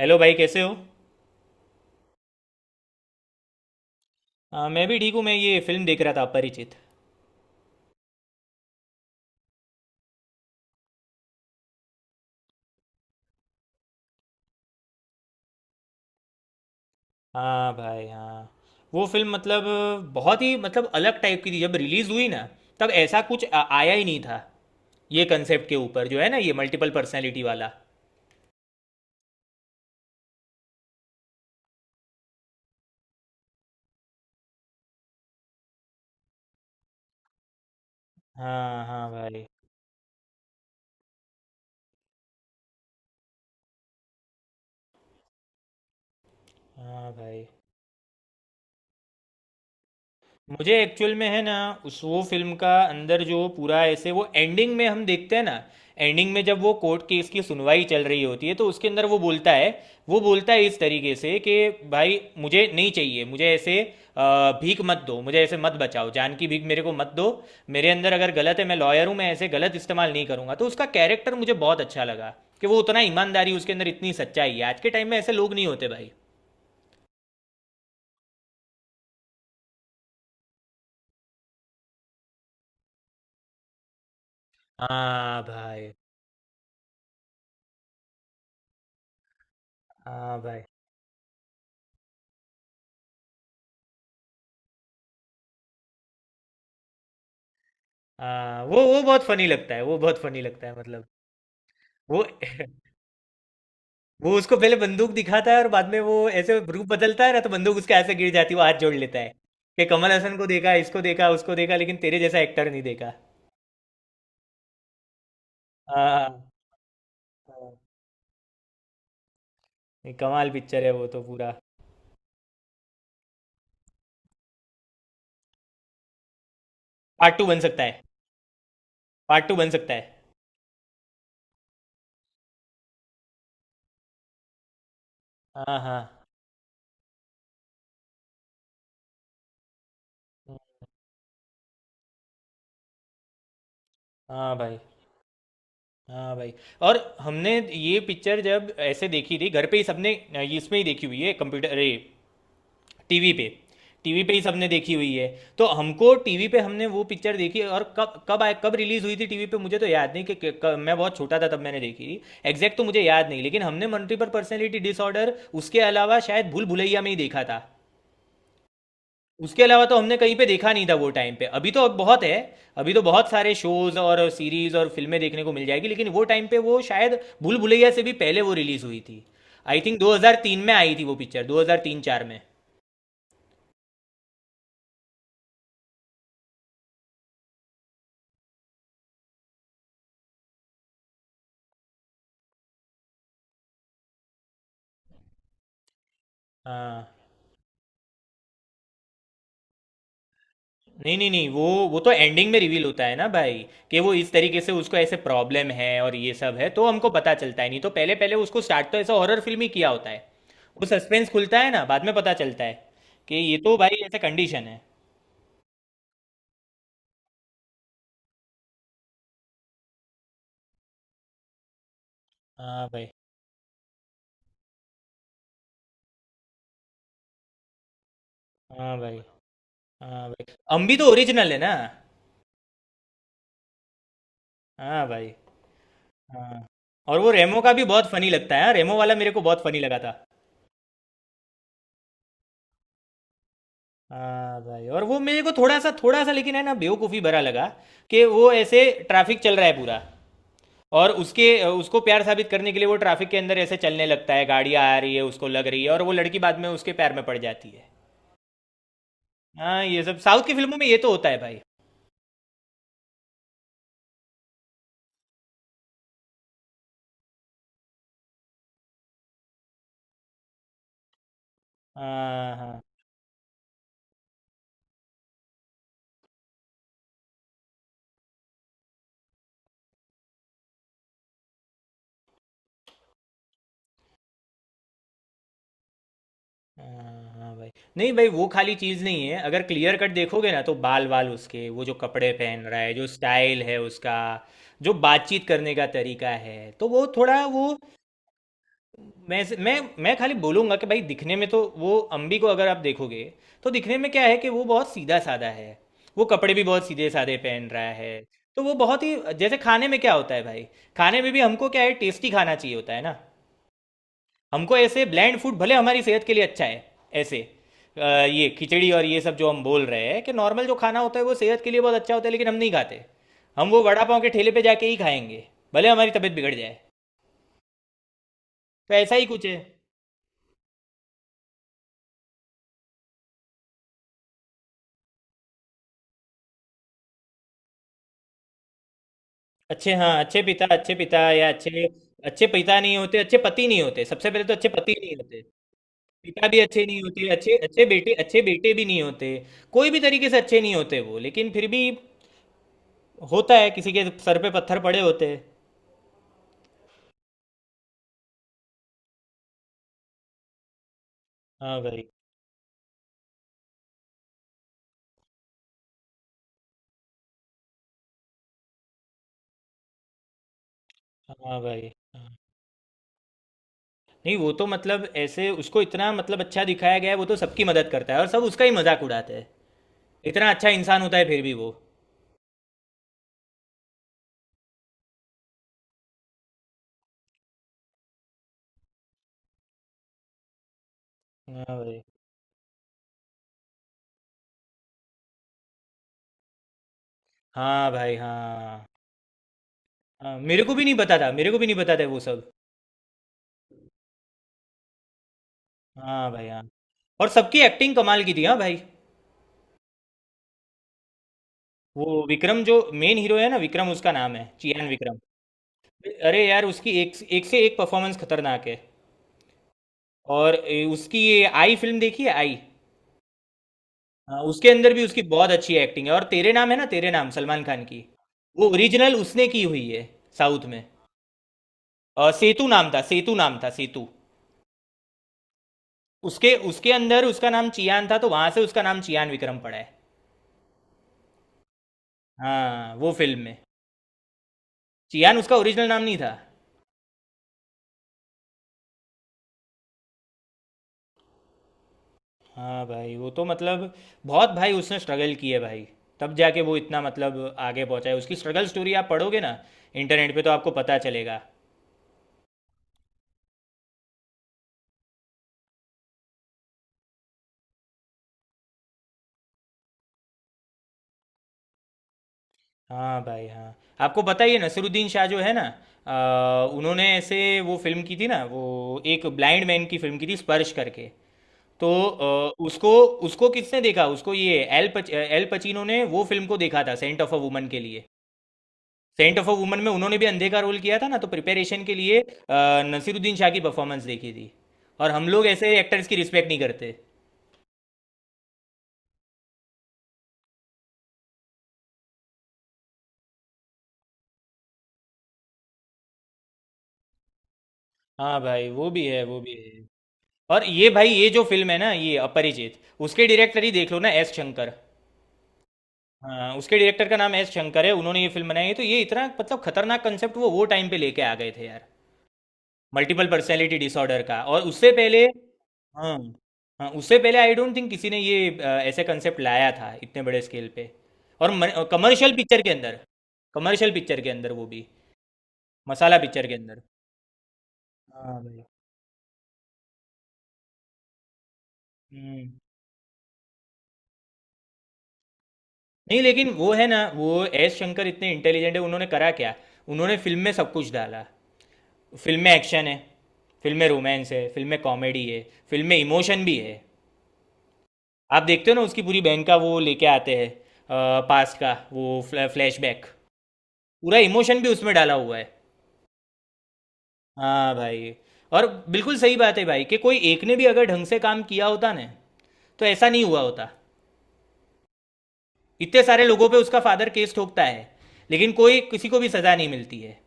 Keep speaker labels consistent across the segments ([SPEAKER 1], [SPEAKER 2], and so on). [SPEAKER 1] Hello भाई, कैसे हो। हाँ, मैं भी ठीक हूँ। मैं ये फिल्म देख रहा था, अपरिचित। हाँ भाई, हाँ। वो फिल्म मतलब बहुत ही मतलब अलग टाइप की थी जब रिलीज़ हुई ना, तब ऐसा कुछ आया ही नहीं था। ये कंसेप्ट के ऊपर जो है ना, ये मल्टीपल पर्सनैलिटी वाला। हाँ हाँ भाई। हाँ भाई, मुझे एक्चुअल में है ना, उस वो फिल्म का अंदर जो पूरा ऐसे वो एंडिंग में हम देखते हैं ना, एंडिंग में जब वो कोर्ट केस की सुनवाई चल रही होती है तो उसके अंदर वो बोलता है। वो बोलता है इस तरीके से कि भाई, मुझे नहीं चाहिए, मुझे ऐसे भीख मत दो, मुझे ऐसे मत बचाओ, जान की भीख मेरे को मत दो। मेरे अंदर अगर गलत है, मैं लॉयर हूँ, मैं ऐसे गलत इस्तेमाल नहीं करूंगा। तो उसका कैरेक्टर मुझे बहुत अच्छा लगा कि वो उतना ईमानदारी उसके अंदर, इतनी सच्चाई है। आज के टाइम में ऐसे लोग नहीं होते भाई। हाँ भाई। हाँ भाई। हाँ, वो बहुत फनी लगता है, वो बहुत फनी लगता है मतलब। वो वो उसको पहले बंदूक दिखाता है और बाद में वो ऐसे रूप बदलता है ना, तो बंदूक उसके हाथ से गिर जाती है, वो हाथ जोड़ लेता है कि कमल हसन को देखा, इसको देखा, उसको देखा, लेकिन तेरे जैसा एक्टर नहीं देखा। हाँ हाँ। नहीं, कमाल पिक्चर है वो तो पूरा। पार्ट टू बन सकता है। पार्ट टू बन सकता है। हाँ हाँ। हाँ भाई। हाँ भाई, और हमने ये पिक्चर जब ऐसे देखी थी घर पे ही सबने इसमें ही देखी हुई है, कंप्यूटर, अरे टीवी पे, टीवी पे ही सबने देखी हुई है। तो हमको टीवी पे हमने वो पिक्चर देखी। और कब कब आए, कब रिलीज हुई थी टीवी पे मुझे तो याद नहीं मैं बहुत छोटा था तब मैंने देखी थी। एग्जैक्ट तो मुझे याद नहीं, लेकिन हमने मल्टीपल पर्सनैलिटी डिसऑर्डर उसके अलावा शायद भूल भुलैया में ही देखा था। उसके अलावा तो हमने कहीं पे देखा नहीं था वो टाइम पे। अभी तो अब बहुत है, अभी तो बहुत सारे शोज और सीरीज और फिल्में देखने को मिल जाएगी, लेकिन वो टाइम पे वो शायद भूल भुलैया से भी पहले वो रिलीज हुई थी। आई थिंक 2003 में आई थी वो पिक्चर, 2003-4 में। हाँ, नहीं नहीं नहीं, वो तो एंडिंग में रिवील होता है ना भाई कि वो इस तरीके से उसको ऐसे प्रॉब्लम है और ये सब है, तो हमको पता चलता है। नहीं तो पहले पहले उसको स्टार्ट तो ऐसा हॉरर फिल्म ही किया होता है। वो सस्पेंस खुलता है ना, बाद में पता चलता है कि ये तो भाई ऐसे कंडीशन है। हाँ भाई। हाँ भाई। हाँ भाई, हम भी तो ओरिजिनल है ना। हाँ भाई। हाँ, और वो रेमो का भी बहुत फनी लगता है। हाँ, रेमो वाला मेरे को बहुत फनी लगा था। हाँ भाई, और वो मेरे को थोड़ा सा लेकिन है ना, बेवकूफ़ी भरा लगा कि वो ऐसे ट्रैफिक चल रहा है पूरा, और उसके उसको प्यार साबित करने के लिए वो ट्रैफिक के अंदर ऐसे चलने लगता है, गाड़ियाँ आ रही है, उसको लग रही है, और वो लड़की बाद में उसके पैर में पड़ जाती है। हाँ, ये सब साउथ की फिल्मों में ये तो होता है भाई। हाँ हाँ हाँ। हाँ भाई, नहीं भाई, वो खाली चीज़ नहीं है। अगर क्लियर कट देखोगे ना, तो बाल वाल उसके, वो जो कपड़े पहन रहा है, जो स्टाइल है उसका, जो बातचीत करने का तरीका है, तो वो थोड़ा वो मैं खाली बोलूँगा कि भाई, दिखने में तो वो अम्बी को अगर आप देखोगे, तो दिखने में क्या है कि वो बहुत सीधा साधा है, वो कपड़े भी बहुत सीधे साधे पहन रहा है। तो वो बहुत ही, जैसे खाने में क्या होता है भाई, खाने में भी हमको क्या है, टेस्टी खाना चाहिए होता है ना। हमको ऐसे ब्लैंड फूड भले हमारी सेहत के लिए अच्छा है, ऐसे अ, ये खिचड़ी और ये सब जो हम बोल रहे हैं कि नॉर्मल जो खाना होता है वो सेहत के लिए बहुत अच्छा होता है, लेकिन हम नहीं खाते। हम वो वड़ा पाव के ठेले पे जाके ही खाएंगे भले हमारी तबीयत बिगड़ जाए। तो ऐसा ही कुछ है। अच्छे, हाँ, अच्छे पिता, अच्छे पिता या अच्छे, अच्छे पिता नहीं होते, अच्छे पति नहीं होते, सबसे पहले तो अच्छे पति नहीं होते, पिता भी अच्छे नहीं होते, अच्छे अच्छे बेटे, अच्छे बेटे भी नहीं होते। कोई भी तरीके से अच्छे नहीं होते वो, लेकिन फिर भी होता है, किसी के सर पे पत्थर पड़े होते हैं। हाँ भाई। हाँ भाई। हाँ। नहीं, वो तो मतलब ऐसे उसको इतना मतलब अच्छा दिखाया गया है, वो तो सबकी मदद करता है और सब उसका ही मजाक उड़ाते हैं। इतना अच्छा इंसान होता है फिर भी वो। हाँ भाई। हाँ भाई। हाँ हाँ, मेरे को भी नहीं पता था, मेरे को भी नहीं पता था वो सब। हाँ भाई। हाँ, और सबकी एक्टिंग कमाल की थी। हाँ भाई, वो विक्रम जो मेन हीरो है ना विक्रम, उसका नाम है चियान विक्रम। अरे यार, उसकी एक एक से एक परफॉर्मेंस खतरनाक है। और उसकी ये आई फिल्म देखी है, आई। हाँ, उसके अंदर भी उसकी बहुत अच्छी एक्टिंग है। और तेरे नाम है ना, तेरे नाम सलमान खान की, वो ओरिजिनल उसने की हुई है साउथ में। सेतु नाम था, सेतु नाम था, सेतु। उसके उसके अंदर उसका नाम चियान था, तो वहां से उसका नाम चियान विक्रम पड़ा है। हाँ, वो फिल्म में चियान। उसका ओरिजिनल नाम नहीं था। हाँ भाई, वो तो मतलब बहुत, भाई उसने स्ट्रगल की है भाई। तब जाके वो इतना मतलब आगे पहुंचा है। उसकी स्ट्रगल स्टोरी आप पढ़ोगे ना इंटरनेट पे, तो आपको पता चलेगा। हाँ भाई। हाँ, आपको पता ही है नसीरुद्दीन शाह जो है ना, उन्होंने ऐसे वो फिल्म की थी ना, वो एक ब्लाइंड मैन की फिल्म की थी, स्पर्श करके। तो उसको, उसको किसने देखा, उसको ये एल पचीनो ने वो फिल्म को देखा था सेंट ऑफ अ वुमन के लिए। सेंट ऑफ अ वुमन में उन्होंने भी अंधे का रोल किया था ना, तो प्रिपरेशन के लिए नसीरुद्दीन शाह की परफॉर्मेंस देखी थी। और हम लोग ऐसे एक्टर्स की रिस्पेक्ट नहीं करते। हाँ भाई, वो भी है, वो भी है। और ये भाई, ये जो फिल्म है ना, ये अपरिचित, उसके डायरेक्टर ही देख लो ना, एस शंकर। हाँ, उसके डायरेक्टर का नाम एस शंकर है। उन्होंने ये फिल्म बनाई है, तो ये इतना मतलब खतरनाक कंसेप्ट वो टाइम पे लेके आ गए थे यार, मल्टीपल पर्सनैलिटी डिसऑर्डर का। और उससे पहले, हाँ, हाँ, उससे पहले आई डोंट थिंक किसी ने ये ऐसे कंसेप्ट लाया था इतने बड़े स्केल पे, और कमर्शियल पिक्चर के अंदर, कमर्शियल पिक्चर के अंदर वो भी मसाला पिक्चर के अंदर। हाँ भाई। हम्म, नहीं लेकिन वो है ना, वो एस शंकर इतने इंटेलिजेंट है, उन्होंने करा क्या, उन्होंने फिल्म में सब कुछ डाला। फिल्म में एक्शन है, फिल्म में रोमांस है, फिल्म में कॉमेडी है, फिल्म में इमोशन भी है। आप देखते हो ना, उसकी पूरी बहन का वो लेके आते हैं, पास्ट का वो फ्लैशबैक, पूरा इमोशन भी उसमें डाला हुआ है। हाँ भाई। और बिल्कुल सही बात है भाई कि कोई एक ने भी अगर ढंग से काम किया होता ना, तो ऐसा नहीं हुआ होता। इतने सारे लोगों पे उसका फादर केस ठोकता है, लेकिन कोई किसी को भी सजा नहीं मिलती है।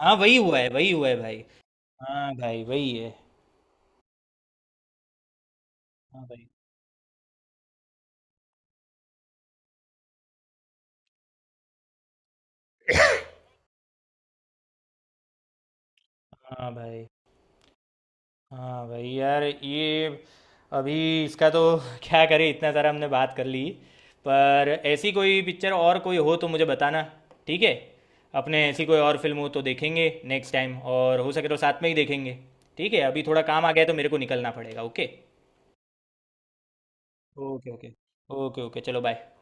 [SPEAKER 1] हाँ, वही हुआ है, वही हुआ है भाई। हाँ भाई, वही है। हाँ भाई। हाँ भाई। हाँ भाई यार, ये अभी इसका तो क्या करें, इतना सारा हमने बात कर ली। पर ऐसी कोई पिक्चर और कोई हो तो मुझे बताना, ठीक है। अपने ऐसी कोई और फिल्म हो तो देखेंगे नेक्स्ट टाइम, और हो सके तो साथ में ही देखेंगे। ठीक है, अभी थोड़ा काम आ गया है तो मेरे को निकलना पड़ेगा। Okay. Okay okay. Okay okay, चलो बाय।